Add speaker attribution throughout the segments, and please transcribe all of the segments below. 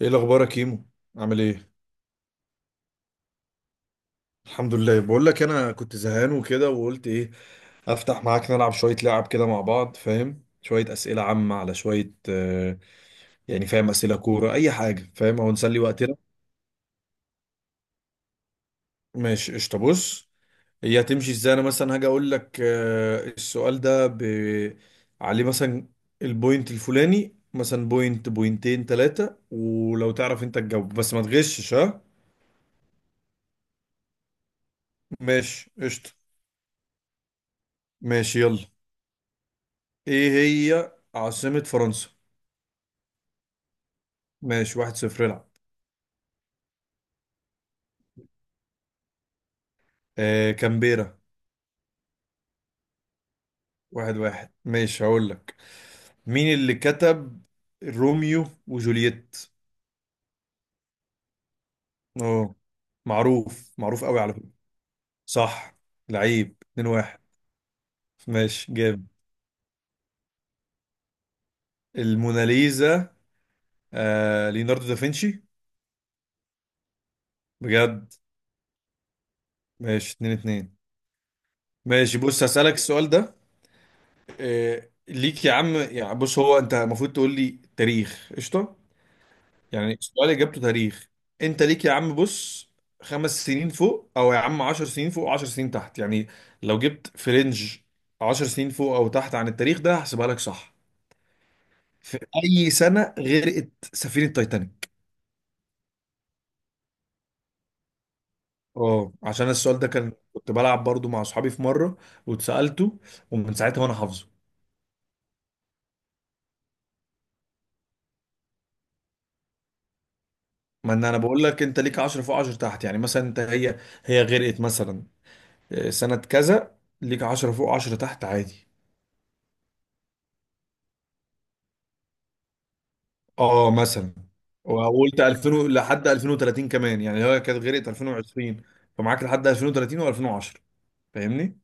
Speaker 1: ايه الاخبار يا كيمو؟ عامل ايه؟ الحمد لله، بقول لك انا كنت زهقان وكده وقلت ايه افتح معاك نلعب شويه لعب كده مع بعض، فاهم؟ شويه اسئله عامه على شويه يعني، فاهم؟ اسئله كوره اي حاجه، فاهم؟ هو نسلي وقتنا. ماشي قشطه، بص، هي هتمشي ازاي؟ انا مثلا هاجي اقول لك السؤال ده عليه مثلا البوينت الفلاني، مثلا بوينت، بوينتين، ثلاثه، ولو تعرف انت تجاوب بس ما تغشش ها. ماشي قشطه. ماشي يلا. ايه هي عاصمة فرنسا؟ ماشي واحد صفر، العب. آه كامبيرا. واحد واحد ماشي، هقول لك مين اللي كتب روميو وجولييت؟ اه، معروف معروف قوي على فكرة. صح، لعيب. اتنين واحد، ماشي جامد. الموناليزا؟ آه ليوناردو دافنشي. بجد. ماشي اتنين اتنين. ماشي بص، هسألك السؤال ده، آه ليك يا عم، يعني بص، هو انت المفروض تقول لي تاريخ قشطة. يعني السؤال اجابته تاريخ. انت ليك يا عم، بص، خمس سنين فوق، او يا عم عشر سنين فوق وعشر سنين تحت يعني، لو جبت في رينج عشر سنين فوق او تحت عن التاريخ ده هحسبها لك صح. في اي سنة غرقت سفينة تايتانيك؟ اه، عشان السؤال ده كان كنت بلعب برضو مع اصحابي في مرة واتسألته، ومن ساعتها وانا حافظه. ما انا بقول لك، انت ليك 10 فوق 10 تحت، يعني مثلا انت هي غرقت مثلا سنة كذا، ليك 10 فوق 10 تحت عادي. اه مثلا، وقلت 2000 لحد 2030 كمان، يعني هي كانت غرقت 2020، فمعاك لحد 2030 و2010، فاهمني؟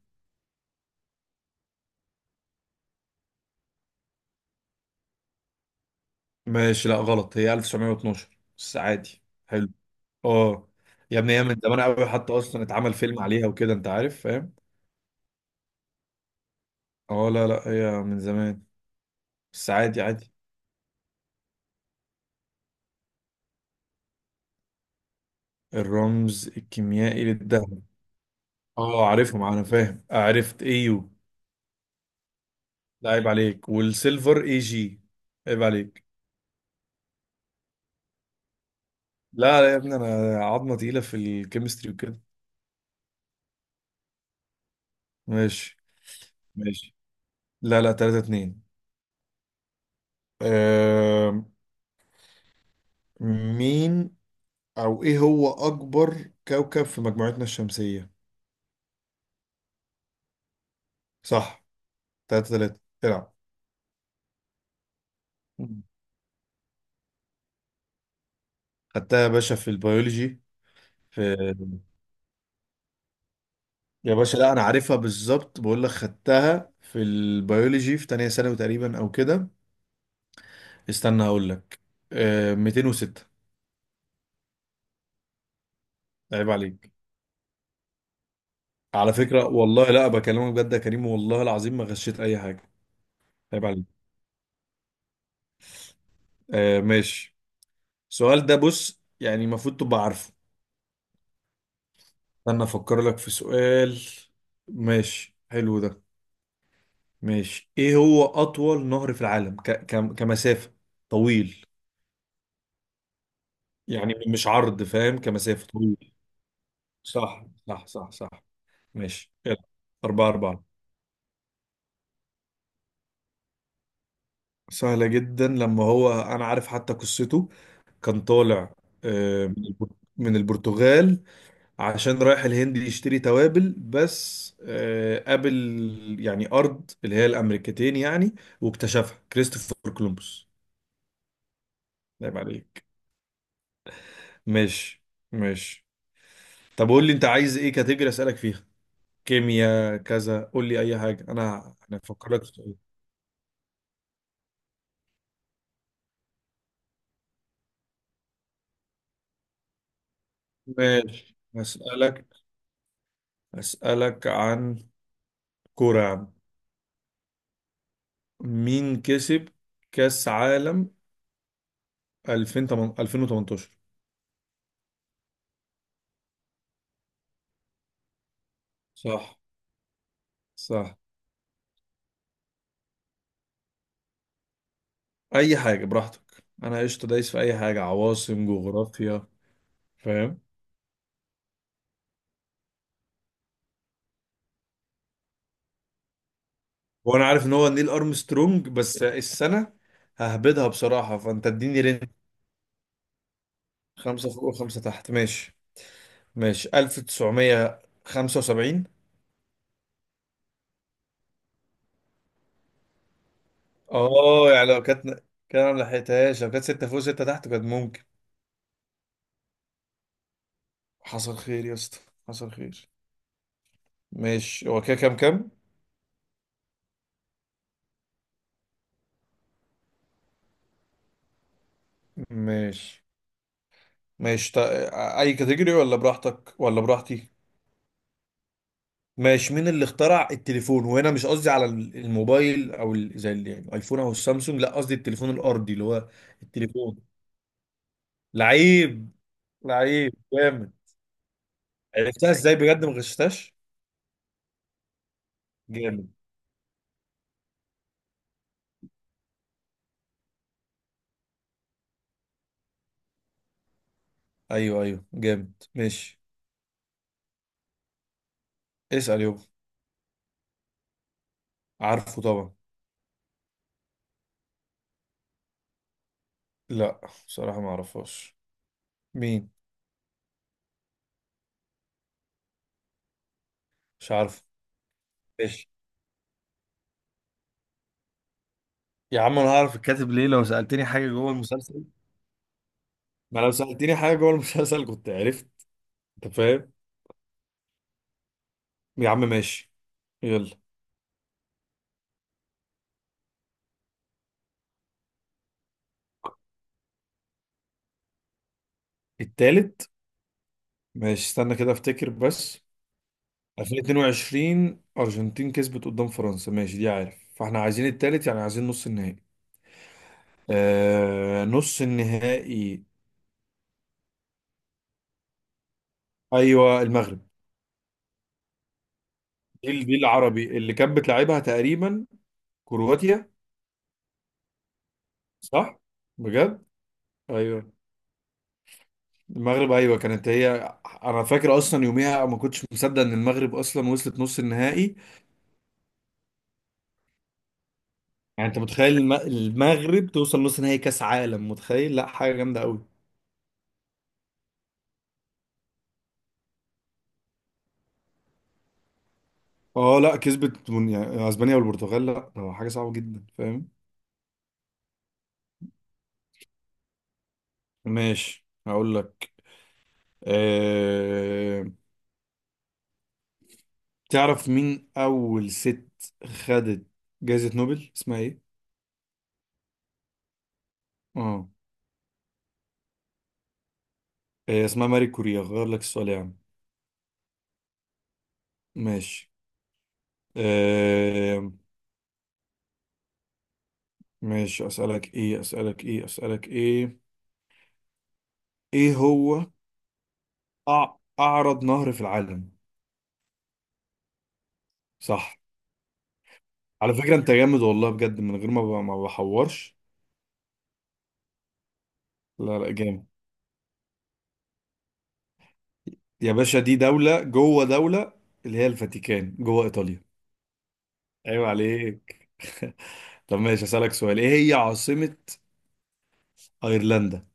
Speaker 1: ماشي، لا غلط، هي 1912، بس عادي حلو. اه يا ابني، هي من زمان قوي، حتى اصلا اتعمل فيلم عليها وكده، انت عارف، فاهم؟ اه لا لا، هي من زمان، بس عادي عادي. الرمز الكيميائي للذهب؟ اه عارفهم انا، فاهم، عرفت ايو. لا عيب عليك، والسيلفر اي جي؟ عيب عليك. لا لا يا ابني، انا عظمه تقيله في الكيمستري وكده. ماشي. ماشي. لا لا، 3 2. أه مين او ايه هو اكبر كوكب في مجموعتنا الشمسيه؟ صح، 3 3، العب. مم. خدتها يا باشا في البيولوجي، في، يا باشا لا انا عارفها بالظبط، بقول لك خدتها في البيولوجي في تانية ثانوي تقريبا او كده. استنى اقول لك، 206. عيب عليك. على فكرة والله، لا بكلمك بجد يا كريم، والله العظيم ما غشيت اي حاجة. عيب عليك. آه ماشي، السؤال ده، بص، يعني المفروض تبقى عارفه. استنى افكر لك في سؤال. ماشي حلو ده. ماشي، ايه هو اطول نهر في العالم ك ك كمسافة طويل؟ يعني مش عرض، فاهم؟ كمسافة طويل. صح صح صح صح. ماشي يلا. أربعة أربعة. سهلة جدا، لما هو أنا عارف حتى قصته. كان طالع آه، من البر- من البرتغال، عشان رايح الهند يشتري توابل، بس قابل يعني أرض اللي هي الأمريكتين يعني، واكتشفها كريستوفر كولومبوس. نايم عليك. ماشي. ماشي. طب قول لي أنت عايز إيه كاتيجوري أسألك فيها؟ كيمياء كذا، قول لي أي حاجة، أنا أفكر لك في سؤال. ماشي أسألك، أسألك عن كورة يا عم. مين كسب كأس عالم 2018؟ صح، صح. اي حاجه براحتك، انا قشطه دايس في اي حاجه، عواصم، جغرافيا، فاهم؟ وانا عارف ان هو نيل ارمسترونج، بس السنه ههبدها بصراحه، فانت اديني رينج. خمسه فوق وخمسه تحت ماشي. ماشي 1975. اه يعني لو كانت، كان أنا ما لحقتهاش، لو كانت سته فوق سته تحت كانت ممكن. حصل خير يا اسطى. حصل خير. ماشي، هو كده كام كام؟ ماشي. ماشي اي كاتيجوري؟ ولا براحتك ولا براحتي؟ ماشي، مين اللي اخترع التليفون؟ وهنا مش قصدي على الموبايل او يعني الايفون او السامسونج، لا قصدي التليفون الارضي اللي هو التليفون. لعيب. لعيب جامد. عرفتها ازاي بجد؟ ما غشتهاش. جامد. ايوه ايوه جامد، ماشي. اسال يابا. عارفه طبعا. لا، بصراحه ما اعرفهاش. مين؟ مش عارفه. ماشي يا عم، انا هعرف الكاتب ليه؟ لو سالتني حاجه جوه المسلسل، ما لو سالتني حاجه جوه المسلسل كنت عرفت، انت فاهم؟ يا عم ماشي يلا. التالت؟ ماشي استنى كده افتكر بس. 2022 ارجنتين كسبت قدام فرنسا، ماشي دي عارف، فاحنا عايزين التالت يعني عايزين نص النهائي. آه نص النهائي. ايوه المغرب. دي العربي اللي كانت بتلعبها تقريبا، كرواتيا. صح. بجد. ايوه المغرب، ايوه كانت هي. انا فاكر اصلا يوميها ما كنتش مصدق ان المغرب اصلا وصلت نص النهائي. يعني انت متخيل المغرب توصل نص نهائي كاس عالم؟ متخيل؟ لا حاجه جامده قوي. اه لا كسبت يعني اسبانيا والبرتغال، لا ده حاجه صعبه جدا، فاهم؟ ماشي هقول لك. أه... تعرف مين اول ست خدت جائزه نوبل اسمها ايه؟ اه. اسمها ماري كوريا، غير لك السؤال يا عم. ماشي. أه... ماشي، اسالك ايه؟ ايه هو اعرض نهر في العالم؟ صح. على فكره انت جامد والله بجد، من غير ما ما بحورش. لا لا جامد. يا باشا دي دولة جوه دولة، اللي هي الفاتيكان جوه إيطاليا. عيب عليك. طب ماشي أسألك سؤال، إيه هي عاصمة أيرلندا؟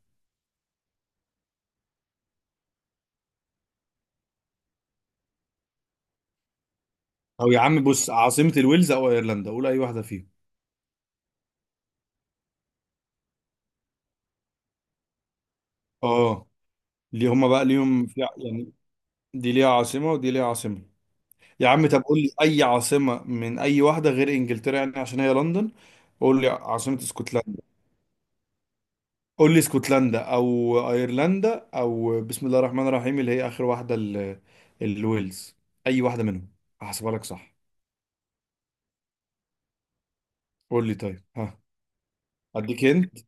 Speaker 1: أو يا عم بص، عاصمة الويلز أو أيرلندا، قول أي واحدة فيهم. آه. ليه هما بقى ليهم في يعني، دي ليها عاصمة ودي ليها عاصمة. يا عم طب قول لي أي عاصمة من أي واحدة غير إنجلترا يعني، عشان هي لندن. قول لي عاصمة اسكتلندا. قول لي اسكتلندا او ايرلندا او بسم الله الرحمن الرحيم اللي هي اخر واحده الويلز، اي واحده منهم هحسبها لك صح. قول لي طيب، ها؟ اديك هنت.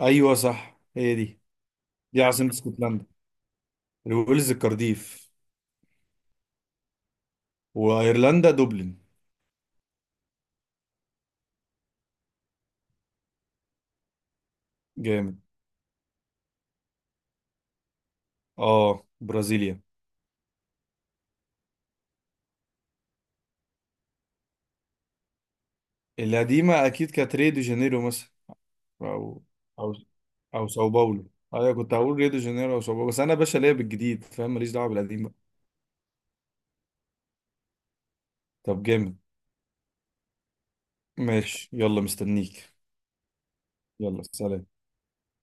Speaker 1: ايوه صح هي دي. دي عاصمه اسكتلندا. الويلز كارديف، وايرلندا دوبلن. جامد. اه برازيليا. القديمه اكيد كانت ريو دي جانيرو مثلا، او، او، او ساو باولو. ايوه كنت هقول ريو دي جانيرو او ساو باولو، بس انا باشا ليا بالجديد، فاهم؟ ماليش دعوه بالقديم بقى. طب جامد. ماشي يلا مستنيك. يلا سلام.